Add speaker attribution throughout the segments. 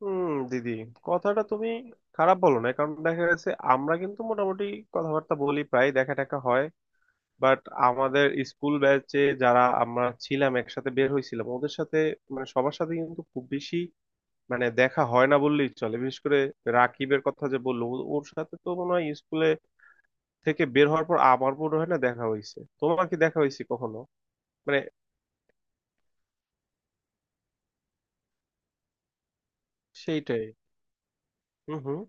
Speaker 1: হুম। দিদি, কথাটা তুমি খারাপ বলো না, কারণ দেখা গেছে আমরা কিন্তু মোটামুটি কথাবার্তা বলি, প্রায় দেখা টাকা হয়। বাট আমাদের স্কুল ব্যাচে যারা আমরা ছিলাম একসাথে বের হয়েছিলাম ওদের সাথে, মানে সবার সাথে কিন্তু খুব বেশি, মানে দেখা হয় না বললেই চলে। বিশেষ করে রাকিবের কথা যে বললো, ওর সাথে তো মনে হয় স্কুলে থেকে বের হওয়ার পর আমার মনে হয় না দেখা হয়েছে। তোমার কি দেখা হয়েছে কখনো? মানে সেইটাই। হুম, হুম।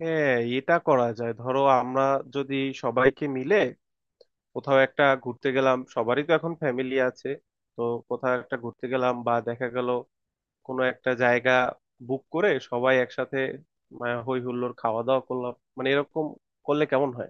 Speaker 1: হ্যাঁ, এটা করা যায়। ধরো আমরা যদি সবাইকে মিলে কোথাও একটা ঘুরতে গেলাম, সবারই তো এখন ফ্যামিলি আছে, তো কোথাও একটা ঘুরতে গেলাম, বা দেখা গেল কোনো একটা জায়গা বুক করে সবাই একসাথে হই হুল্লোড় খাওয়া দাওয়া করলাম, মানে এরকম করলে কেমন হয়?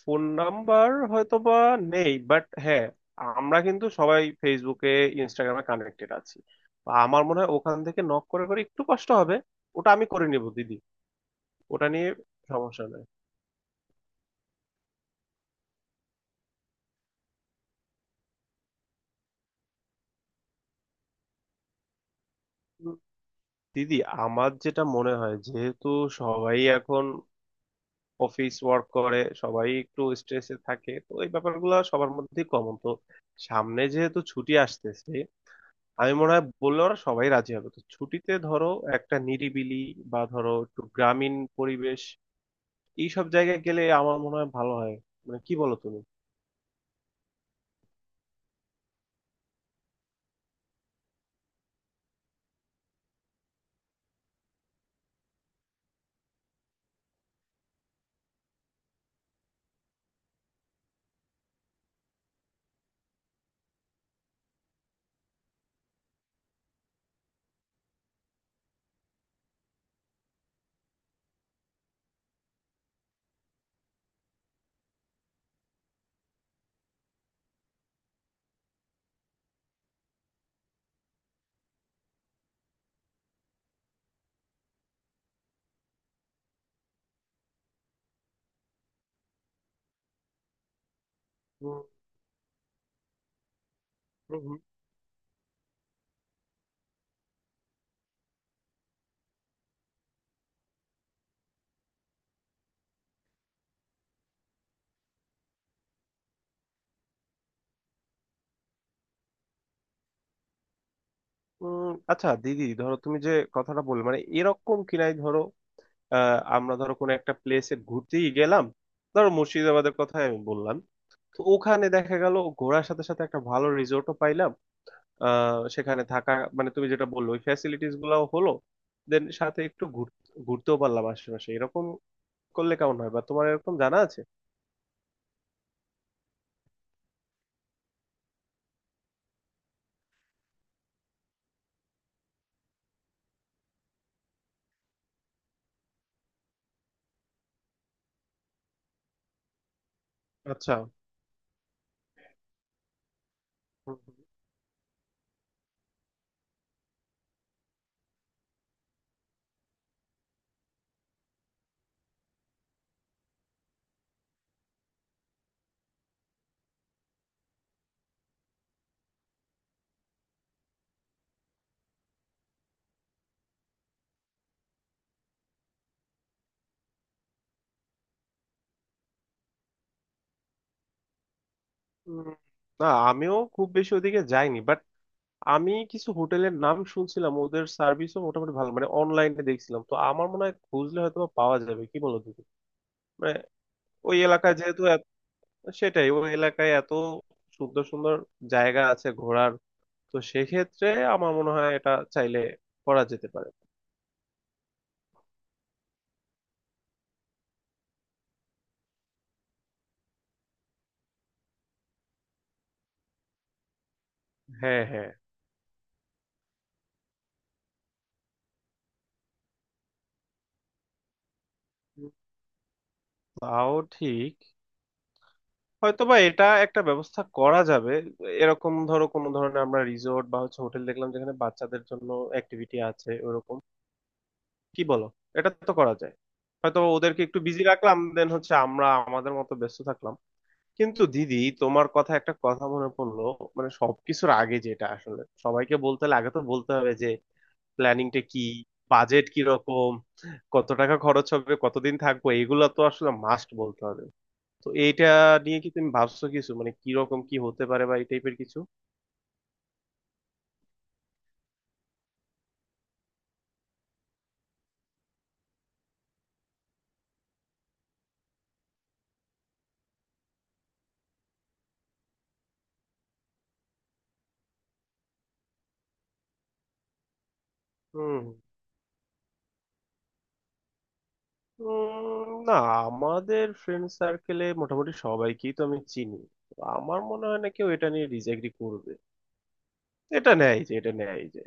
Speaker 1: ফোন নাম্বার হয়তোবা নেই, বাট হ্যাঁ, আমরা কিন্তু সবাই ফেসবুকে, ইনস্টাগ্রামে কানেক্টেড আছি, বা আমার মনে হয় ওখান থেকে নক করে করে একটু কষ্ট হবে, ওটা আমি করে নিব দিদি। ওটা নিয়ে সমস্যা নেই। দিদি, আমার যেটা মনে হয়, যেহেতু সবাই এখন অফিস ওয়ার্ক করে সবাই একটু স্ট্রেসে থাকে, তো এই ব্যাপারগুলো সবার মধ্যেই কমন, তো সামনে যেহেতু ছুটি আসতেছে, আমি মনে হয় বললে ওরা সবাই রাজি হবে। তো ছুটিতে ধরো একটা নিরিবিলি বা ধরো একটু গ্রামীণ পরিবেশ, এইসব জায়গায় গেলে আমার মনে হয় ভালো হয়। মানে কি বলো তুমি? উম, উম, উম, আচ্ছা দিদি, ধরো তুমি যে কথাটা বললে, মানে এরকম কিনাই ধরো আমরা ধরো কোনো একটা প্লেসে ঘুরতেই গেলাম, ধরো মুর্শিদাবাদের কথাই আমি বললাম, তো ওখানে দেখা গেল ঘোরার সাথে সাথে একটা ভালো রিসোর্টও পাইলাম। সেখানে থাকা, মানে তুমি যেটা বললো ওই ফ্যাসিলিটিস গুলাও হলো, দেন সাথে একটু ঘুরতেও পারলাম আশেপাশে, এরকম করলে কেমন হয়? বা তোমার এরকম জানা আছে? আচ্ছা। হুম, হুম। না, আমিও খুব বেশি ওদিকে যাইনি, বাট আমি কিছু হোটেলের নাম শুনছিলাম, ওদের সার্ভিসও মোটামুটি ভালো, মানে অনলাইনে দেখছিলাম, তো আমার মনে হয় খুঁজলে হয়তো বা পাওয়া যাবে। কি বলো তুমি? মানে ওই এলাকায় যেহেতু এত- সেটাই, ওই এলাকায় এত সুন্দর সুন্দর জায়গা আছে ঘোরার, তো সেক্ষেত্রে আমার মনে হয় এটা চাইলে করা যেতে পারে। হ্যাঁ, হ্যাঁ, তাও ঠিক। হয়তোবা এটা একটা ব্যবস্থা করা যাবে, এরকম ধরো কোনো ধরনের আমরা রিসোর্ট বা হচ্ছে হোটেল দেখলাম যেখানে বাচ্চাদের জন্য অ্যাক্টিভিটি আছে ওরকম। কি বলো, এটা তো করা যায়, হয়তো ওদেরকে একটু বিজি রাখলাম, দেন হচ্ছে আমরা আমাদের মতো ব্যস্ত থাকলাম। কিন্তু দিদি, তোমার কথা একটা কথা মনে পড়লো। মানে সবকিছুর আগে যেটা আসলে সবাইকে বলতে হলে আগে তো বলতে হবে, যে প্ল্যানিংটা কি, বাজেট কি রকম, কত টাকা খরচ হবে, কতদিন থাকবো, এগুলো তো আসলে মাস্ট বলতে হবে। তো এইটা নিয়ে কি তুমি ভাবছো কিছু? মানে কি রকম কি হতে পারে, বা এই টাইপের কিছু? হুম না, আমাদের ফ্রেন্ড সার্কেলে মোটামুটি সবাইকেই তো আমি চিনি, তো আমার মনে হয় না কেউ এটা নিয়ে ডিসএগ্রি করবে। এটা নেয় যে।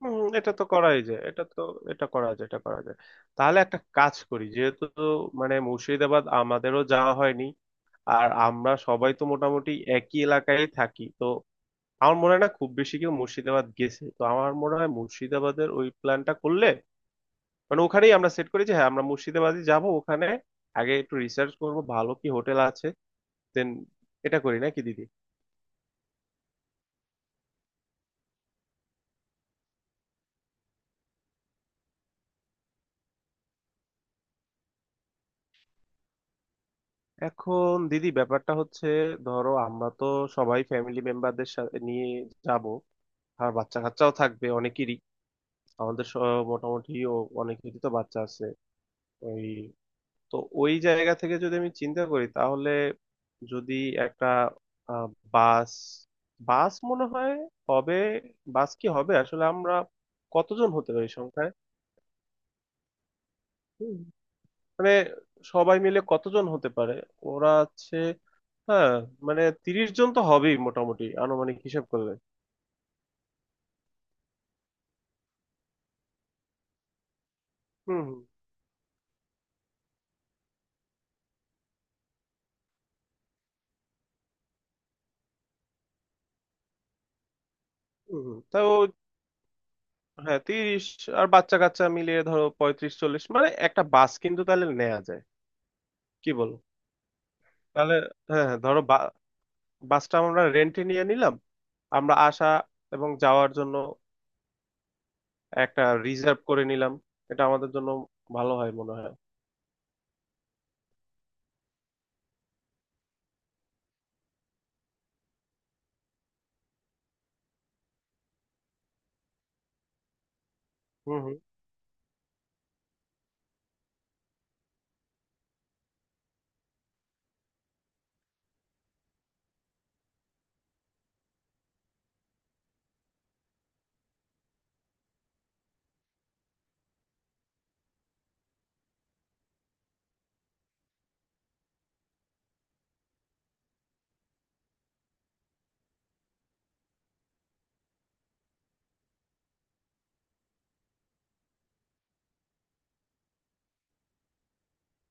Speaker 1: হুম, এটা তো করাই যায়, এটা করা যায়। তাহলে একটা কাজ করি, যেহেতু মানে মুর্শিদাবাদ আমাদেরও যাওয়া হয়নি, আর আমরা সবাই তো মোটামুটি একই এলাকায় থাকি, তো আমার মনে হয় না খুব বেশি কেউ মুর্শিদাবাদ গেছে, তো আমার মনে হয় মুর্শিদাবাদের ওই প্ল্যানটা করলে, মানে ওখানেই আমরা সেট করি যে হ্যাঁ আমরা মুর্শিদাবাদই যাব ওখানে। আগে একটু রিসার্চ করব ভালো কি হোটেল আছে, দেন এটা করি নাকি দিদি? এখন দিদি, ব্যাপারটা হচ্ছে, ধরো আমরা তো সবাই ফ্যামিলি মেম্বারদের সাথে নিয়ে যাব, আর বাচ্চা কাচ্চাও থাকবে অনেকেরই। আমাদের স- মোটামুটি অনেকেরই তো বাচ্চা আছে ওই, তো ওই জায়গা থেকে যদি আমি চিন্তা করি তাহলে, যদি একটা আহ, বাস বাস মনে হয় হবে। বাস কি হবে আসলে? আমরা কতজন হতে পারি সংখ্যায়? হুম। মানে সবাই মিলে কতজন হতে পারে, ওরা আছে, হ্যাঁ, মানে 30 জন তো হবেই মোটামুটি আনুমানিক হিসাব করলে। হুম হুম হুম হুম। তাও হ্যাঁ, 30 আর বাচ্চা কাচ্চা মিলিয়ে ধরো 35, 40 মানে একটা বাস কিন্তু তাহলে নেওয়া যায়। কি বলো? তাহলে হ্যাঁ, হ্যাঁ ধরো, বাসটা আমরা রেন্টে নিয়ে নিলাম আমরা আসা এবং যাওয়ার জন্য, একটা রিজার্ভ করে নিলাম, এটা আমাদের জন্য ভালো হয় মনে হয়। হুম, হুম।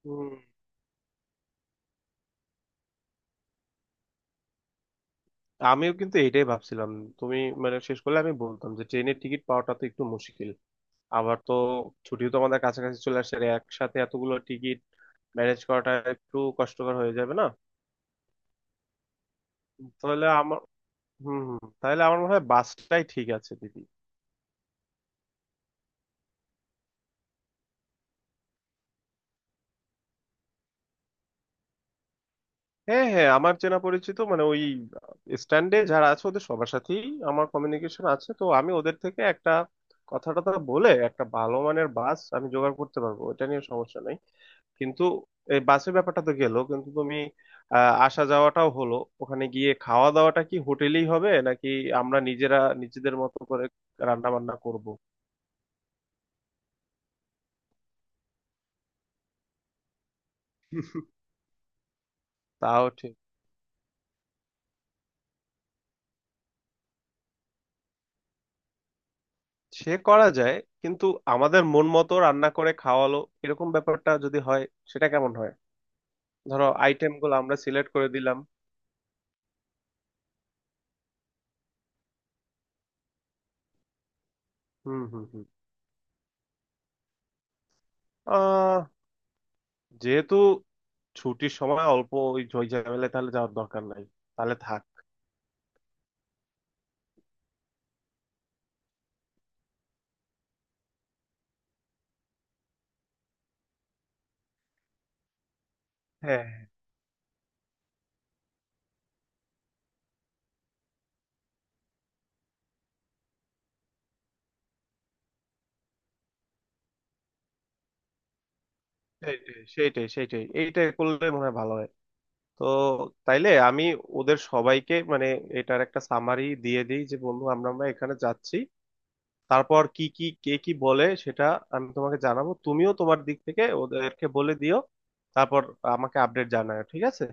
Speaker 1: হুম। আমিও কিন্তু এটাই ভাবছিলাম, তুমি মানে শেষ করলে আমি বলতাম, যে ট্রেনের টিকিট পাওয়াটা তো একটু মুশকিল, আবার তো ছুটিও তো আমাদের কাছাকাছি চলে আসছে, আর একসাথে এতগুলো টিকিট ম্যানেজ করাটা একটু কষ্টকর হয়ে যাবে না? তাহলে আমার তাহলে আমার মনে হয় বাসটাই ঠিক আছে দিদি। হ্যাঁ, হ্যাঁ আমার চেনা পরিচিত মানে ওই স্ট্যান্ডে যারা আছে ওদের সবার সাথেই আমার কমিউনিকেশন আছে, তো আমি ওদের থেকে একটা কথাটা টথা বলে একটা ভালো মানের বাস আমি জোগাড় করতে পারবো, ওটা নিয়ে সমস্যা নেই। কিন্তু এই বাসের ব্যাপারটা তো গেলো, কিন্তু তুমি আসা যাওয়াটাও হলো, ওখানে গিয়ে খাওয়া দাওয়াটা কি হোটেলেই হবে নাকি আমরা নিজেরা নিজেদের মতো করে রান্না বান্না করবো? তাও ঠিক, সে করা যায়। কিন্তু আমাদের মন মতো রান্না করে খাওয়ালো, এরকম ব্যাপারটা যদি হয়, সেটা কেমন হয়? ধরো আইটেম গুলো আমরা সিলেক্ট করে দিলাম। হুম, হুম, হুম। আহ যেহেতু ছুটির সময় অল্প, ওই ঝই ঝামেলায় তাহলে যাওয়ার দরকার নাই, তাহলে থাক। হ্যাঁ, হ্যাঁ, সেইটাই সেইটাই সেইটাই এইটাই করলে মনে হয় ভালো হয়। তো তাইলে আমি ওদের সবাইকে মানে এটার একটা সামারি দিয়ে দিই, যে বন্ধু, আমরা আমরা এখানে যাচ্ছি। তারপর কি কি কে কি বলে সেটা আমি তোমাকে জানাবো, তুমিও তোমার দিক থেকে ওদেরকে বলে দিও। তারপর আমাকে আপডেট জানাও, ঠিক আছে?